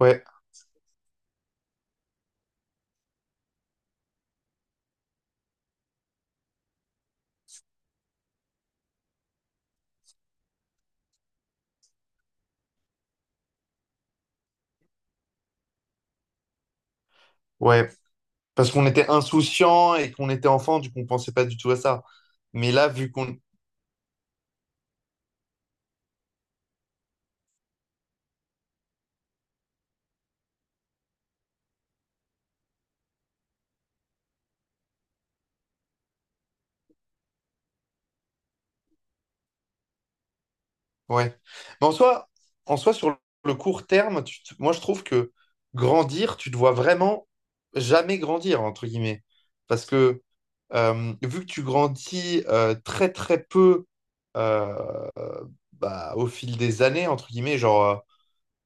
Ouais, ouais. Parce qu'on était insouciant et qu'on était enfant, du coup, on pensait pas du tout à ça. Mais là, vu qu'on... Ouais. Mais en soi, sur le court terme, moi, je trouve que grandir, tu te vois vraiment jamais grandir, entre guillemets. Parce que vu que tu grandis très, très peu euh, bah, au fil des années, entre guillemets, genre... euh,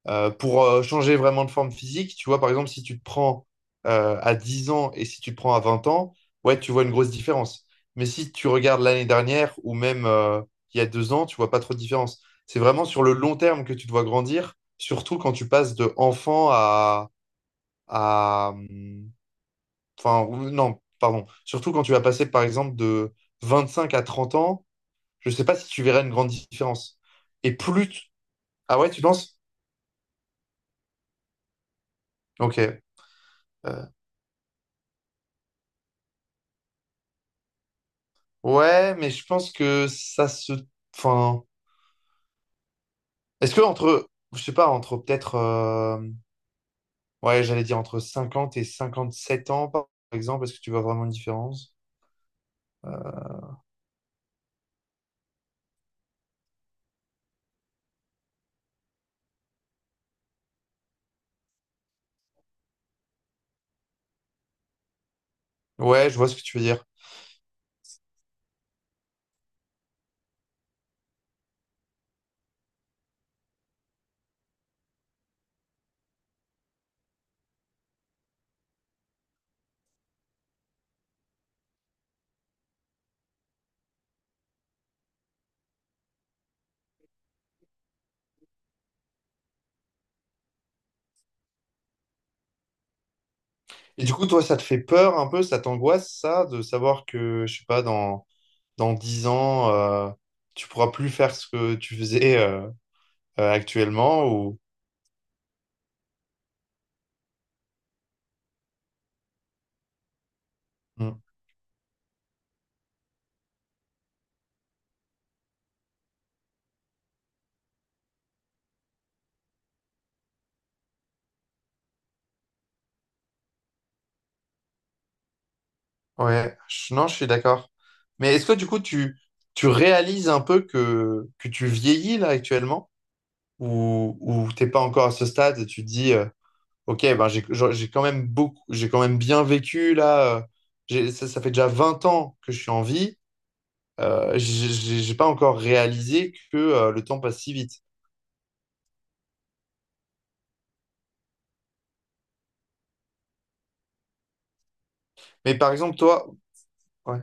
Euh, pour changer vraiment de forme physique, tu vois, par exemple, si tu te prends à 10 ans et si tu te prends à 20 ans, ouais, tu vois une grosse différence. Mais si tu regardes l'année dernière ou même il y a 2 ans, tu vois pas trop de différence. C'est vraiment sur le long terme que tu te vois grandir, surtout quand tu passes de enfant à. Enfin, non, pardon. Surtout quand tu vas passer, par exemple, de 25 à 30 ans, je sais pas si tu verras une grande différence. Et plus... Ah ouais, tu penses? Ok. euh, Ouais, mais je pense que ça se... Enfin, est-ce que entre, je sais pas, entre peut-être, ouais, j'allais dire entre 50 et 57 ans, par exemple, est-ce que tu vois vraiment une différence? Ouais, je vois ce que tu veux dire. Et du coup, toi, ça te fait peur un peu, ça t'angoisse, ça, de savoir que, je sais pas, dans 10 ans, tu pourras plus faire ce que tu faisais actuellement ou... Hmm. Ouais, non, je suis d'accord. Mais est-ce que du coup, tu réalises un peu que, tu vieillis là actuellement? Où t'es pas encore à ce stade et tu te dis, ok, ben j'ai quand même beaucoup, j'ai quand même bien vécu là. Ça fait déjà 20 ans que je suis en vie. J'ai pas encore réalisé que le temps passe si vite. Mais par exemple, toi, ouais.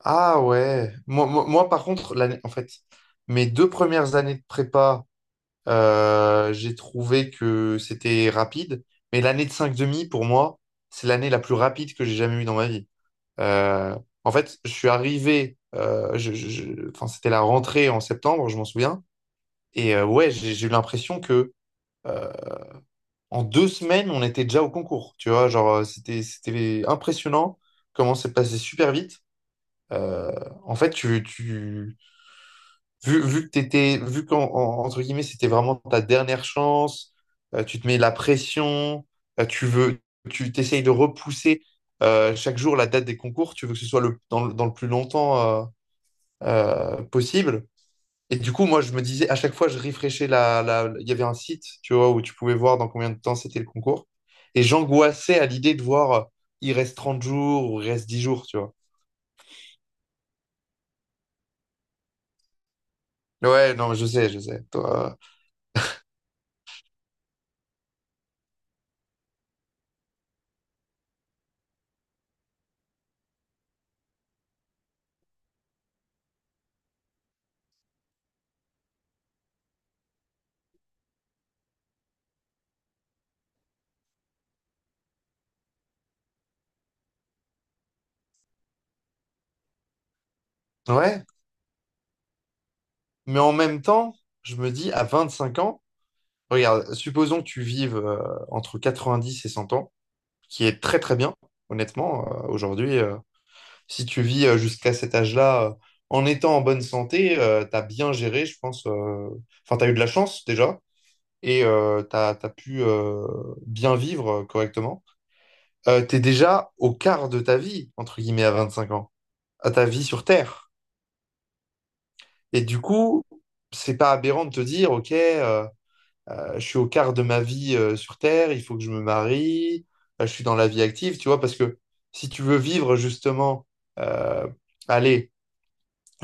Ah ouais. Moi, par contre, l'année, en fait, mes 2 premières années de prépa, j'ai trouvé que c'était rapide. Mais l'année de cinq demi pour moi, c'est l'année la plus rapide que j'ai jamais eue dans ma vie. Euh, en fait, je suis arrivé, enfin, c'était la rentrée en septembre, je m'en souviens. Et ouais, j'ai eu l'impression que euh, en 2 semaines, on était déjà au concours. Tu vois, genre, c'était impressionnant comment c'est passé super vite. Euh, en fait, tu, vu, Vu que t'étais, vu qu'en, entre guillemets, c'était vraiment ta dernière chance, tu te mets la pression, euh, tu veux, tu t'essayes de repousser chaque jour la date des concours, tu veux que ce soit le, dans, le dans le plus longtemps, possible. Et du coup, moi, je me disais, à chaque fois, je rafraîchissais Il y avait un site, tu vois, où tu pouvais voir dans combien de temps c'était le concours. Et j'angoissais à l'idée de voir, il reste 30 jours ou il reste 10 jours, tu vois. Ouais, non, mais je sais, je sais. Toi, ouais. Mais en même temps, je me dis, à 25 ans, regarde, supposons que tu vives entre 10 et 100 ans, qui est très, très bien, honnêtement, aujourd'hui. Si tu vis jusqu'à cet âge-là, en étant en bonne santé, t'as bien géré, je pense. Enfin, t'as eu de la chance déjà et t'as pu bien vivre correctement. T'es déjà au quart de ta vie, entre guillemets, à 25 ans, à ta vie sur Terre. Et du coup, c'est pas aberrant de te dire, OK, je suis au quart de ma vie sur Terre, il faut que je me marie, je suis dans la vie active, tu vois, parce que si tu veux vivre justement, euh, allez,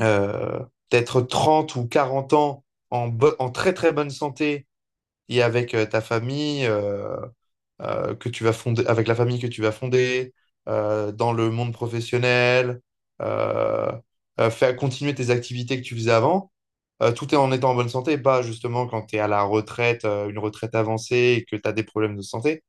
euh, d'être 30 ou 40 ans en très très bonne santé et avec ta famille que tu vas fonder, avec la famille que tu vas fonder, dans le monde professionnel, euh, faire continuer tes activités que tu faisais avant, tout est en étant en bonne santé, pas justement quand tu es à la retraite, une retraite avancée et que tu as des problèmes de santé.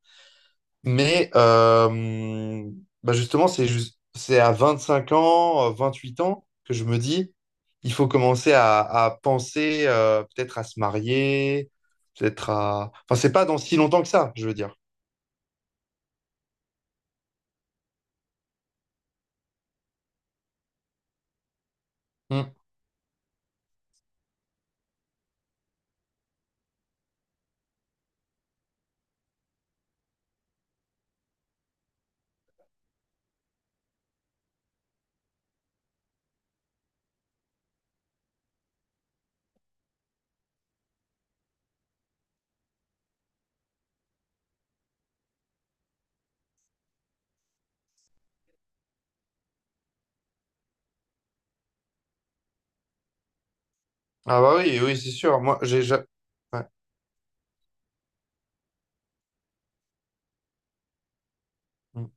Mais bah justement, c'est juste c'est à 25 ans, 8 ans que je me dis, il faut commencer à, penser peut-être à se marier, peut-être à... Enfin, c'est pas dans si longtemps que ça, je veux dire. Mm. Ah bah oui, oui, c'est sûr. Moi, ouais. Mm.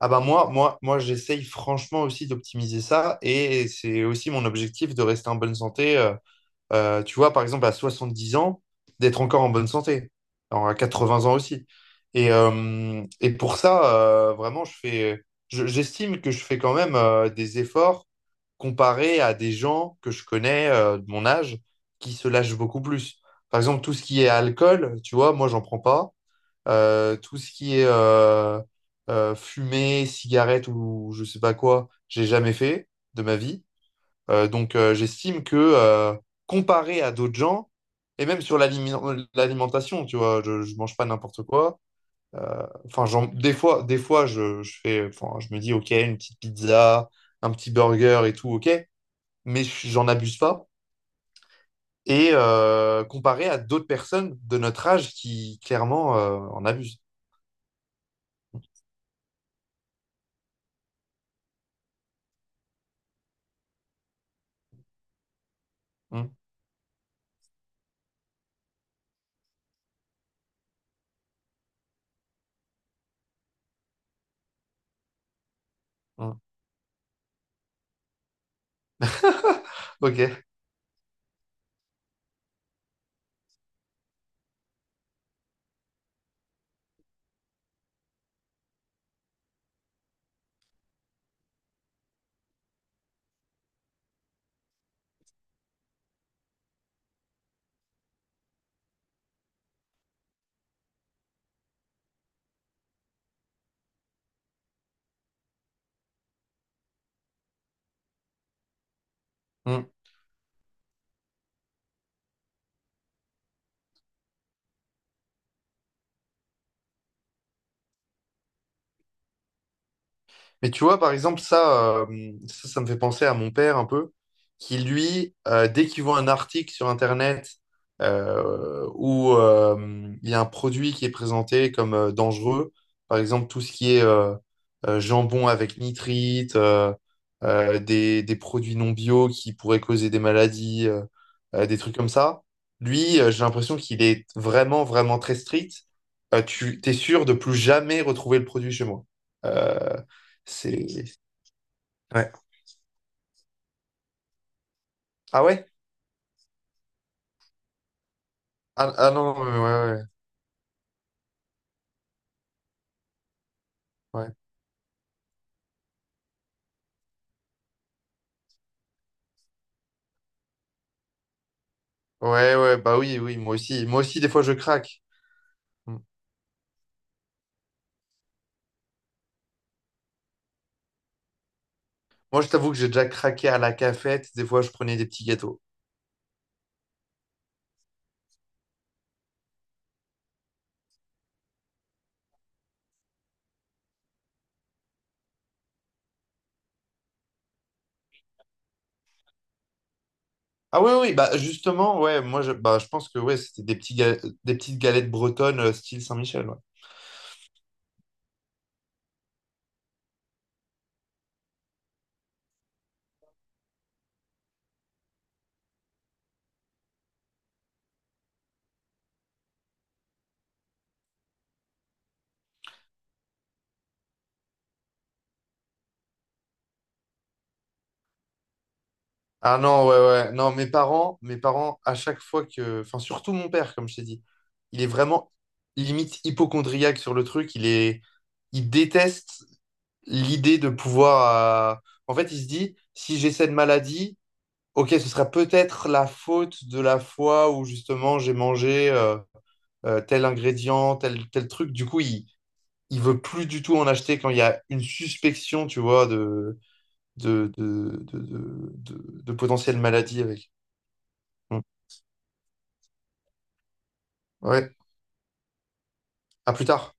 Ah bah moi, j'essaye franchement aussi d'optimiser ça et c'est aussi mon objectif de rester en bonne santé tu vois, par exemple, à 70 ans, d'être encore en bonne santé, alors, à 80 ans aussi. Et pour ça, vraiment, j'estime que je fais quand même des efforts comparé à des gens que je connais de mon âge qui se lâchent beaucoup plus. Par exemple, tout ce qui est alcool, tu vois, moi, j'en prends pas. Tout ce qui est fumée, cigarette ou je sais pas quoi, j'ai jamais fait de ma vie. Donc, j'estime que comparé à d'autres gens, et même sur l'alimentation, tu vois, je mange pas n'importe quoi. Enfin, des fois, enfin, je me dis, ok, une petite pizza, un petit burger et tout, ok, mais j'en abuse pas. Et comparé à d'autres personnes de notre âge qui clairement en abusent. Hum, hum. Ok. Hum. Mais tu vois, par exemple, ça me fait penser à mon père un peu, qui lui, dès qu'il voit un article sur Internet où il y a un produit qui est présenté comme dangereux, par exemple tout ce qui est jambon avec nitrite, des produits non bio qui pourraient causer des maladies, des trucs comme ça, lui, j'ai l'impression qu'il est vraiment, vraiment très strict. Tu t'es sûr de plus jamais retrouver le produit chez moi. Euh, c'est... Ouais. Ah ouais? Ah, ah non, non, ouais, ouais, ouais. Ouais, ouais, bah oui, oui, moi aussi. Moi aussi, des fois, je craque. Mm. Moi, je t'avoue que j'ai déjà craqué à la cafette. Des fois, je prenais des petits gâteaux. Ah oui, oui, oui, bah justement, ouais, moi, bah, je pense que ouais, c'était des petites galettes bretonnes style Saint-Michel, ouais. Ah non, ouais, ouais. Non, mes parents, à chaque fois que... Enfin, surtout mon père, comme je t'ai dit. Il est vraiment limite hypocondriaque sur le truc. Il est... Il déteste l'idée de pouvoir. En fait, il se dit, si j'ai cette maladie, ok, ce sera peut-être la faute de la fois où justement j'ai mangé tel ingrédient, tel truc. Du coup, il veut plus du tout en acheter quand il y a une suspicion, tu vois, de, de, de, de, de potentielle maladie avec. Mm. Ouais, à plus tard.